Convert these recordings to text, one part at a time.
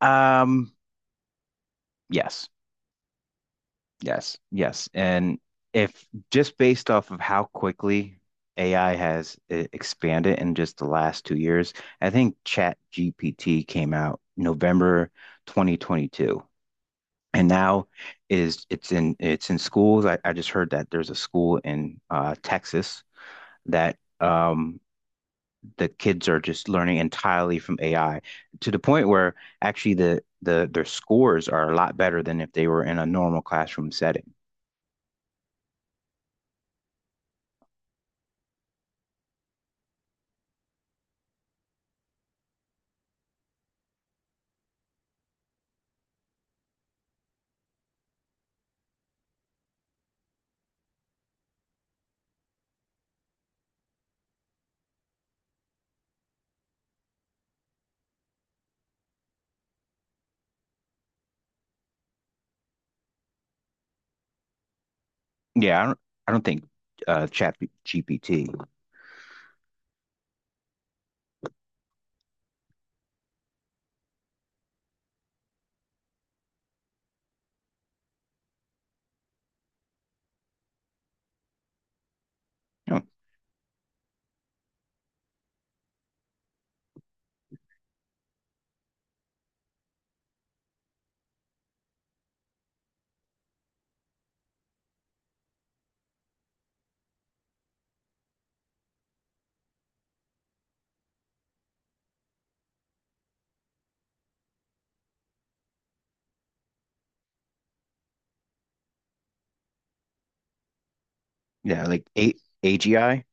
Um, yes, yes. And if just based off of how quickly AI has expanded in just the last 2 years, I think Chat GPT came out November 2022. And now is it's in schools. I just heard that there's a school in Texas that the kids are just learning entirely from AI to the point where actually the their scores are a lot better than if they were in a normal classroom setting. Yeah, I don't think Chat GPT. Oh, yeah, like A AGI.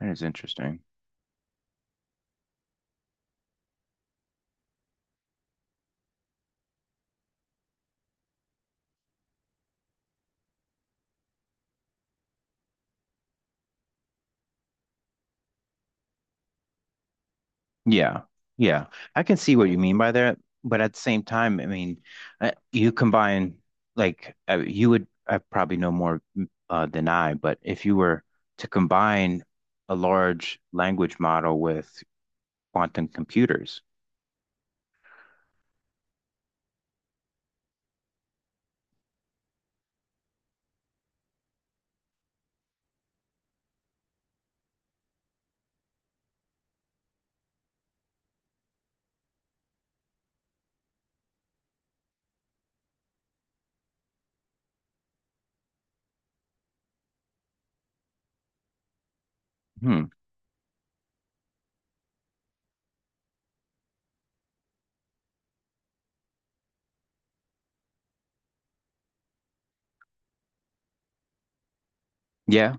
That is interesting. Yeah, yeah. I can see what you mean by that, but at the same time, I mean, you combine like you would I probably know more than I, but if you were to combine a large language model with quantum computers, hmm, yeah,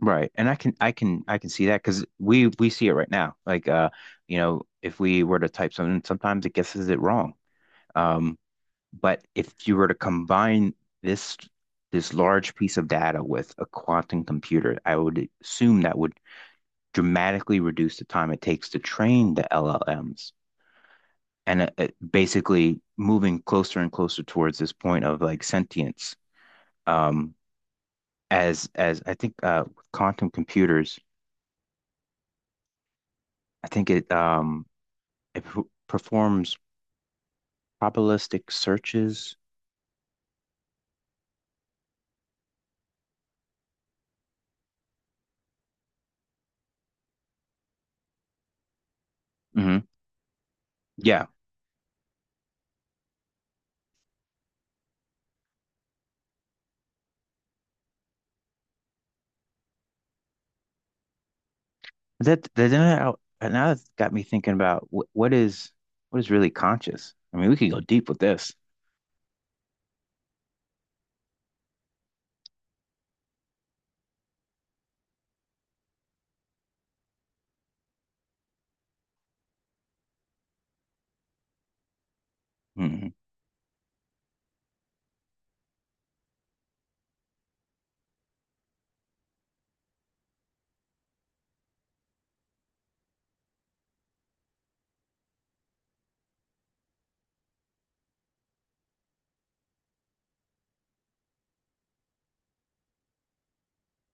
right. And I can see that because we see it right now. Like you know, if we were to type something, sometimes it guesses it wrong. Um, But if you were to combine this this large piece of data with a quantum computer, I would assume that would dramatically reduce the time it takes to train the LLMs and, it basically moving closer and closer towards this point of like sentience. Um, as I think with quantum computers, I think it performs probabilistic searches. hmm Yeah, That that now that's got me thinking about what is really conscious. I mean, we could go deep with this. hmm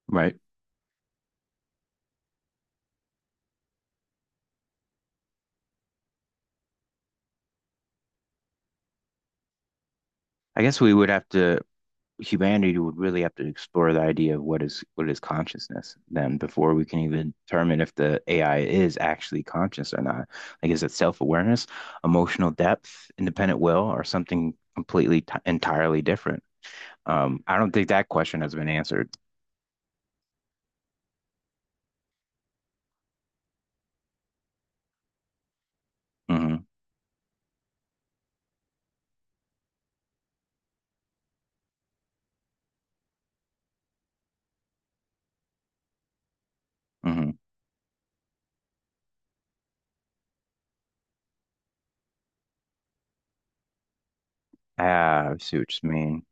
Right. I guess we would have to Humanity would really have to explore the idea of what is consciousness then before we can even determine if the AI is actually conscious or not. Like, is it self-awareness, emotional depth, independent will, or something completely t entirely different? I don't think that question has been answered. hmm hmm Ah, I see what you mean.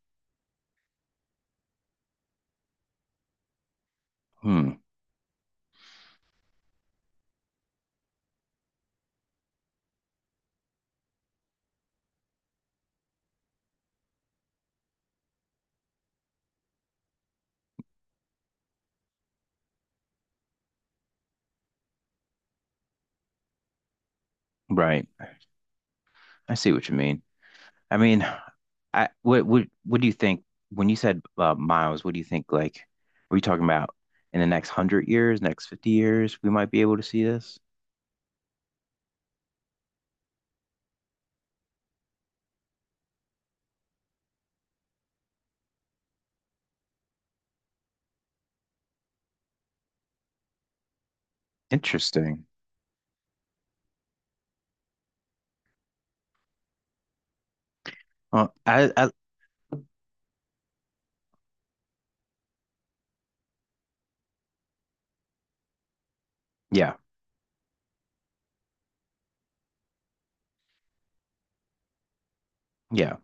Hmm. Right. I see what you mean. I mean, I what do you think when you said miles? What do you think? Like, are we talking about in the next hundred years, next 50 years, we might be able to see this? Interesting. Well, I yeah yeah,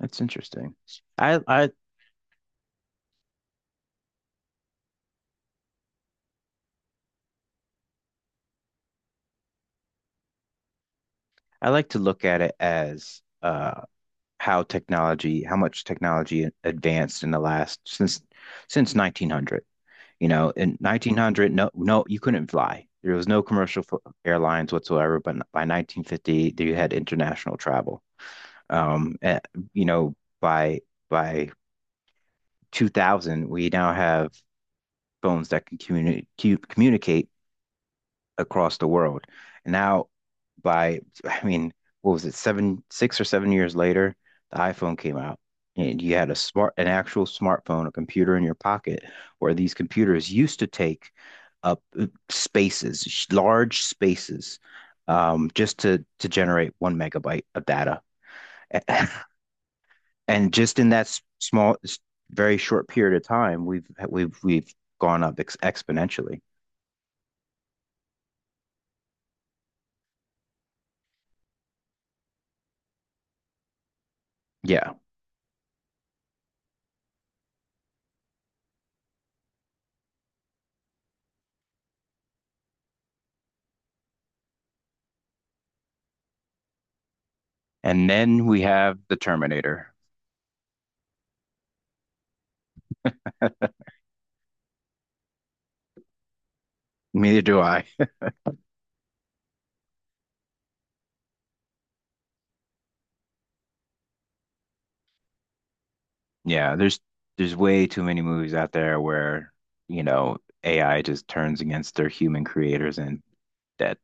that's interesting. I I I like to look at it as how technology, how much technology advanced in the last since 1900. You know, in 1900, no, you couldn't fly. There was no commercial airlines whatsoever. But by 1950, you had international travel. And you know, by by 2000, we now have phones that can communicate across the world. Now, by, I mean, what was it, 6 or 7 years later, the iPhone came out. And you had an actual smartphone, a computer in your pocket, where these computers used to take up large spaces, just to generate 1 megabyte of data. And just in that small, very short period of time, we've gone up ex exponentially. Yeah. And then we have the Terminator. Neither do I. Yeah, there's way too many movies out there where, you know, AI just turns against their human creators and that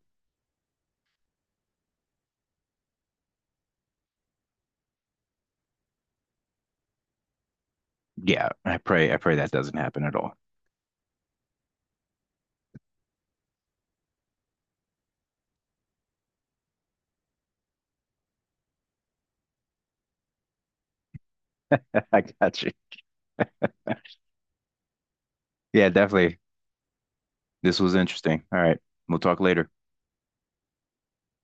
yeah, I pray that doesn't happen at all. I got you. Yeah, definitely. This was interesting. All right. We'll talk later.